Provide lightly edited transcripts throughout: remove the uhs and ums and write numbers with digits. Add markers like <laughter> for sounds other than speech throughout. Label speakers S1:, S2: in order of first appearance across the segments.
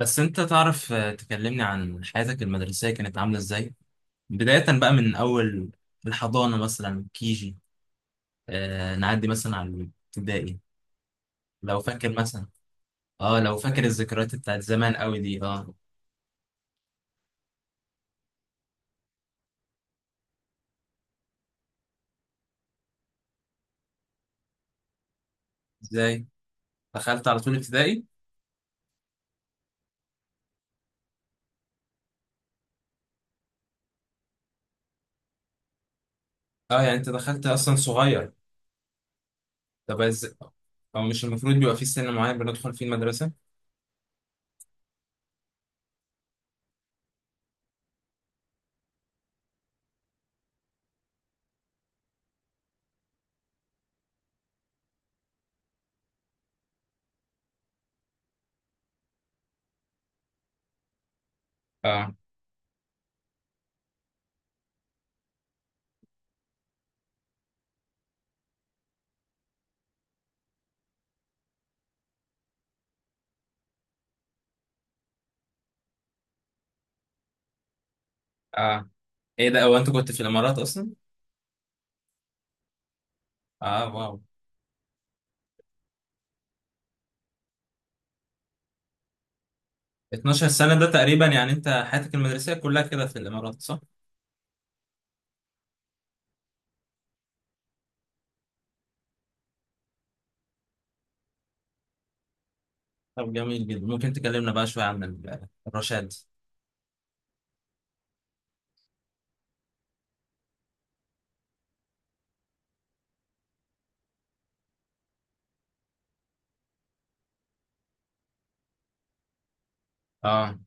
S1: بس انت تعرف تكلمني عن حياتك المدرسية كانت عاملة ازاي؟ بداية بقى من اول الحضانة مثلا كيجي. نعدي مثلا على الابتدائي. لو فاكر مثلا. اه، لو فاكر الذكريات بتاعت زمان قوي دي. اه. ازاي؟ دخلت على طول ابتدائي؟ اه، يعني انت دخلت اصلا صغير. طب او مش المفروض بيبقى في سن معين بندخل فيه المدرسة؟ اه اه، ايه ده، هو انت كنت في الامارات اصلا؟ اه، واو. 12 سنة ده تقريبا، يعني انت حياتك المدرسية كلها كده في الامارات صح؟ طب جميل جدا، ممكن تكلمنا بقى شوية عن الرشاد. اه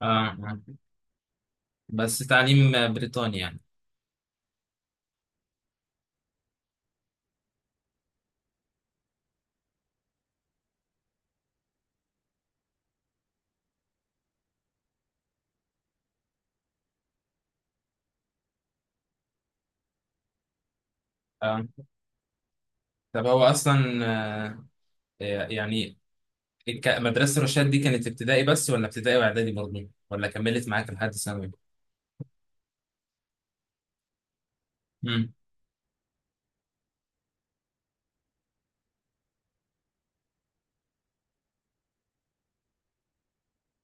S1: اه، آه. بس تعليم بريطاني يعني. اه، طب هو أصلا. آه يعني مدرسة الرشاد دي كانت ابتدائي بس، ولا ابتدائي وإعدادي برضه، ولا كملت معاك لحد ثانوي؟ امم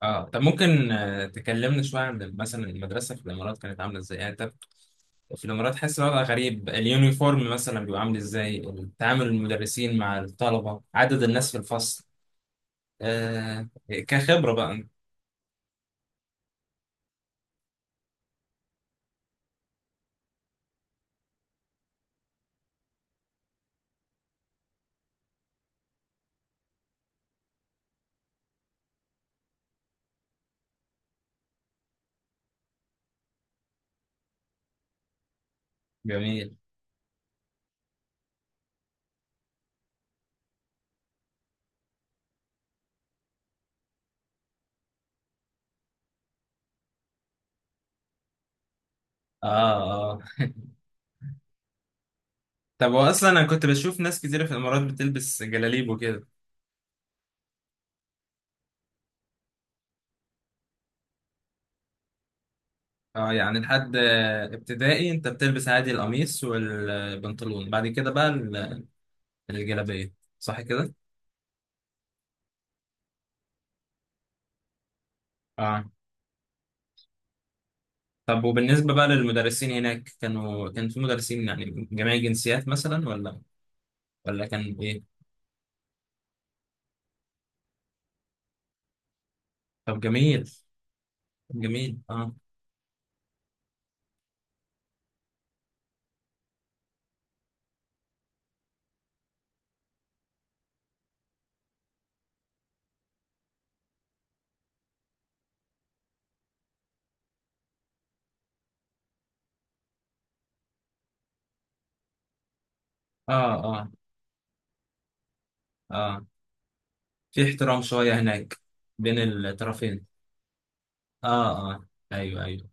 S1: اه، طب ممكن تكلمنا شوية عن مثلا المدرسة في الإمارات كانت عاملة إزاي؟ يعني أنت في الإمارات، حاسس الوضع غريب. اليونيفورم مثلا بيبقى عامل إزاي، تعامل المدرسين مع الطلبة، عدد الناس في الفصل، كخبرة بقى. جميل. اه اه. <laughs> طب هو اصلا، انا كنت بشوف ناس كتير في الامارات بتلبس جلاليب وكده. اه، يعني لحد ابتدائي انت بتلبس عادي القميص والبنطلون، بعد كده بقى الجلابية، صح كده؟ اه، طب وبالنسبة بقى للمدرسين هناك، كان في مدرسين يعني من جميع الجنسيات مثلا، ولا ولا كان ايه؟ طب جميل. جميل. اه اه اه اه، في احترام شوية هناك بين الطرفين. اه اه، ايوه ايوه.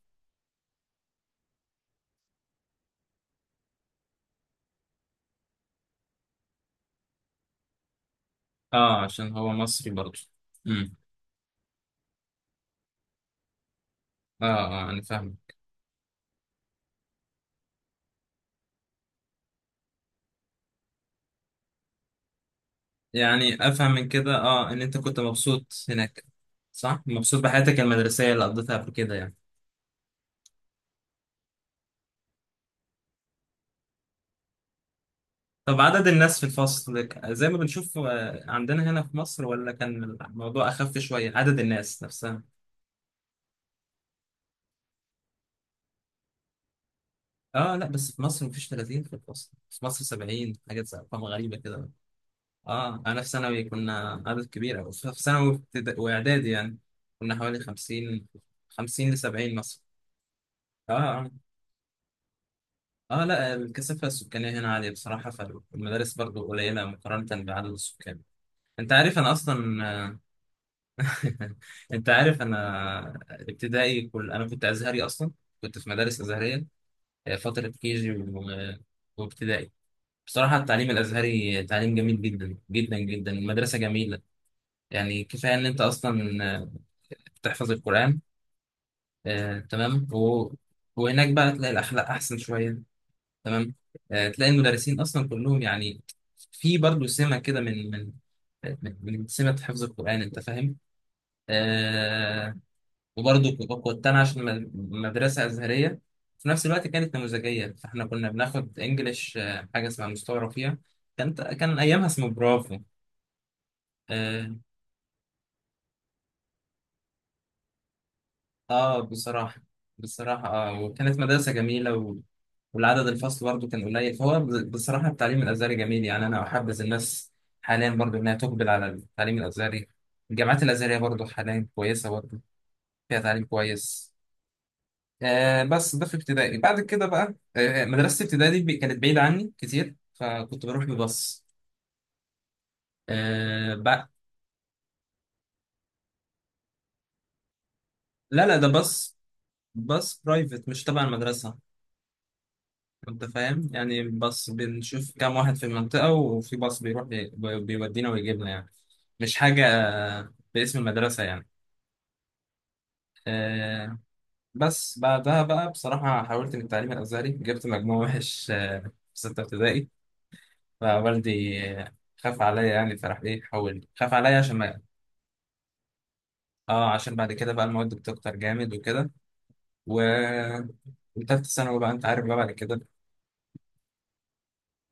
S1: اه، عشان هو مصري برضه. امم. اه اه، انا فاهم. يعني افهم من كده ان انت كنت مبسوط هناك صح، مبسوط بحياتك المدرسيه اللي قضيتها قبل كده يعني. طب، عدد الناس في الفصل زي ما بنشوف، عندنا هنا في مصر، ولا كان الموضوع اخف شويه عدد الناس نفسها؟ اه، لا بس في مصر مفيش 30 في الفصل، في مصر 70 حاجات، ارقام غريبه كده. اه، انا في ثانوي كنا عدد كبير أوي. في ثانوي واعدادي يعني، كنا حوالي 50 50 ل 70 مثلا. اه اه، لا الكثافة السكانية هنا عالية بصراحة، فالمدارس برضو قليلة مقارنة بعدد السكان. انت عارف انا اصلا. <laughs> انت عارف انا ابتدائي كل، انا كنت ازهري اصلا، كنت في مدارس ازهرية. فترة كيجي وابتدائي. بصراحة التعليم الازهري تعليم جميل جدا جدا جدا، المدرسة جميلة. يعني كفاية ان انت اصلا بتحفظ القرآن. تمام. وهناك بقى تلاقي الاخلاق احسن شوية، تمام. تلاقي المدرسين اصلا كلهم يعني في برضه سمه كده، من سمه حفظ القران، انت فاهم. آه وبرضه كنت انا، عشان مدرسه ازهريه في نفس الوقت كانت نموذجيه، فاحنا كنا بناخد انجليش، حاجه اسمها مستوى فيها، كان ايامها اسمه برافو. اه، آه بصراحه بصراحه وكانت مدرسه جميله، والعدد الفصل برضه كان قليل، فهو بصراحة التعليم الأزهري جميل، يعني أنا أحبذ الناس حاليا برضه إنها تقبل على التعليم الأزهري، الجامعات الأزهرية برضه حاليا كويسة، برضه فيها تعليم كويس. بس ده في ابتدائي. بعد كده بقى مدرسة ابتدائي دي، كانت بعيدة عني كتير، فكنت بروح بباص. آه بقى لا لا، ده باص، باص برايفت مش تبع المدرسة، انت فاهم يعني، بس بنشوف كام واحد في المنطقة وفي باص بيروح بيودينا ويجيبنا يعني، مش حاجة باسم المدرسة يعني. آه، بس بعدها بقى، بصراحة حاولت من التعليم الأزهري، جبت مجموع وحش في ستة ابتدائي، فوالدي خاف عليا يعني، فراح حول، خاف عليا عشان ما. اه، عشان بعد كده بقى المواد بتكتر جامد وكده. و- وتالتة ثانوي بقى أنت عارف بقى بعد كده.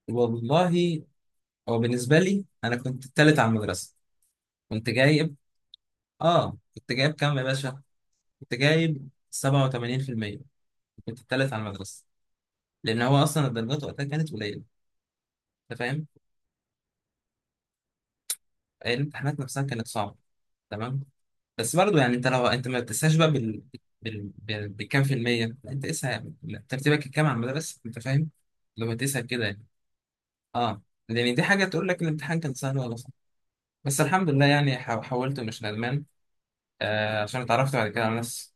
S1: والله، هو بالنسبة لي أنا كنت التالت على المدرسة، كنت جايب. اه، كنت جايب كام يا باشا؟ كنت جايب 87%، كنت التالت على المدرسة. لأن هو أصلا الدرجات وقتها كانت قليلة، أنت فاهم؟ الامتحانات نفسها كانت صعبة، تمام؟ بس برضو يعني أنت، لو أنت ما بتقيسهاش بقى بالكام في المية، لا، أنت قيسها ترتيبك الكام على المدرسة، أنت فاهم؟ لو هتقيسها كده يعني. اه، لأن دي حاجة تقول لك الامتحان كان سهل ولا صعب. بس الحمد لله يعني حولت مش ندمان. عشان اتعرفت بعد كده على ناس.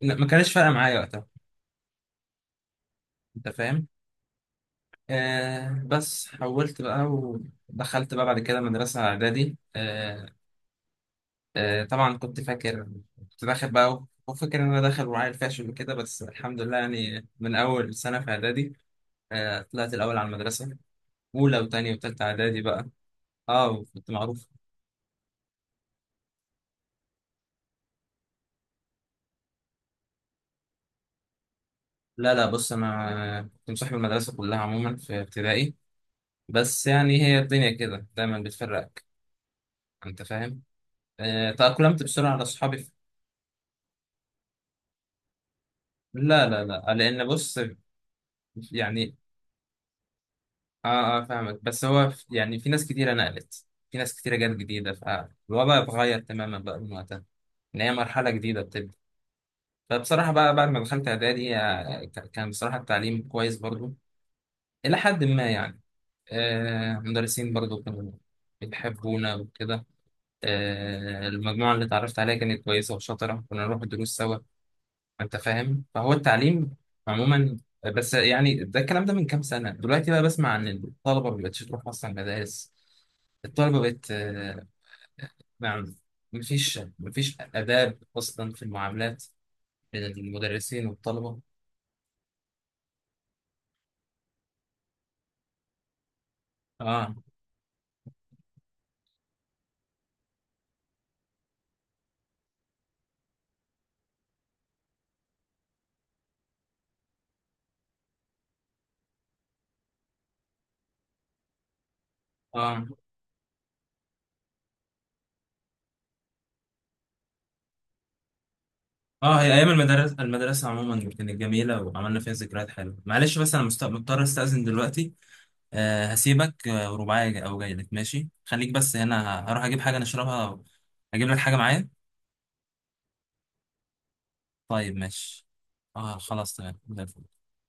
S1: لا، ما كانش فارقة معايا وقتها، أنت فاهم؟ بس حولت بقى، ودخلت بقى بعد كده مدرسة إعدادي. طبعا كنت فاكر، كنت داخل بقى وفاكر إن أنا داخل وعيل فاشل وكده. بس الحمد لله يعني، من أول سنة في إعدادي طلعت الأول على المدرسة، أولى وتانية وتالتة إعدادي بقى. كنت معروف. لا لا، بص أنا كنت مصاحب المدرسة كلها عموما في ابتدائي، بس يعني هي الدنيا كده دايما بتفرقك، أنت فاهم. تأقلمت بسرعة على أصحابي. لا لا لا، لأن بص، يعني اه اه فاهمك، بس هو يعني في ناس كتيرة نقلت، في ناس كتيرة جت جديدة، فالوضع اتغير تماما بقى من وقتها، ان هي مرحلة جديدة بتبدأ. فبصراحة بقى بعد ما دخلت اعدادي، كان بصراحة التعليم كويس برضو، الى حد ما يعني. مدرسين برضو كانوا بيحبونا وكده. المجموعة اللي اتعرفت عليها كانت كويسة وشاطرة، كنا نروح الدروس سوا، انت فاهم، فهو التعليم عموما. بس يعني ده الكلام ده من كام سنة، دلوقتي بقى بسمع عن الطلبة ما بقتش تروح أصلا مدارس. الطلبة بقت آه، مع مفيش آداب أصلا في المعاملات بين المدرسين والطلبة. آه آه هي أيام المدرسة عموما كانت جميلة، وعملنا فيها ذكريات حلوة. معلش بس أنا مضطر أستأذن دلوقتي. هسيبك، ورباعي أو جاي لك، ماشي خليك بس هنا، هروح أجيب حاجة نشربها أو أجيب لك حاجة معايا. طيب ماشي. خلاص تمام زي الفل.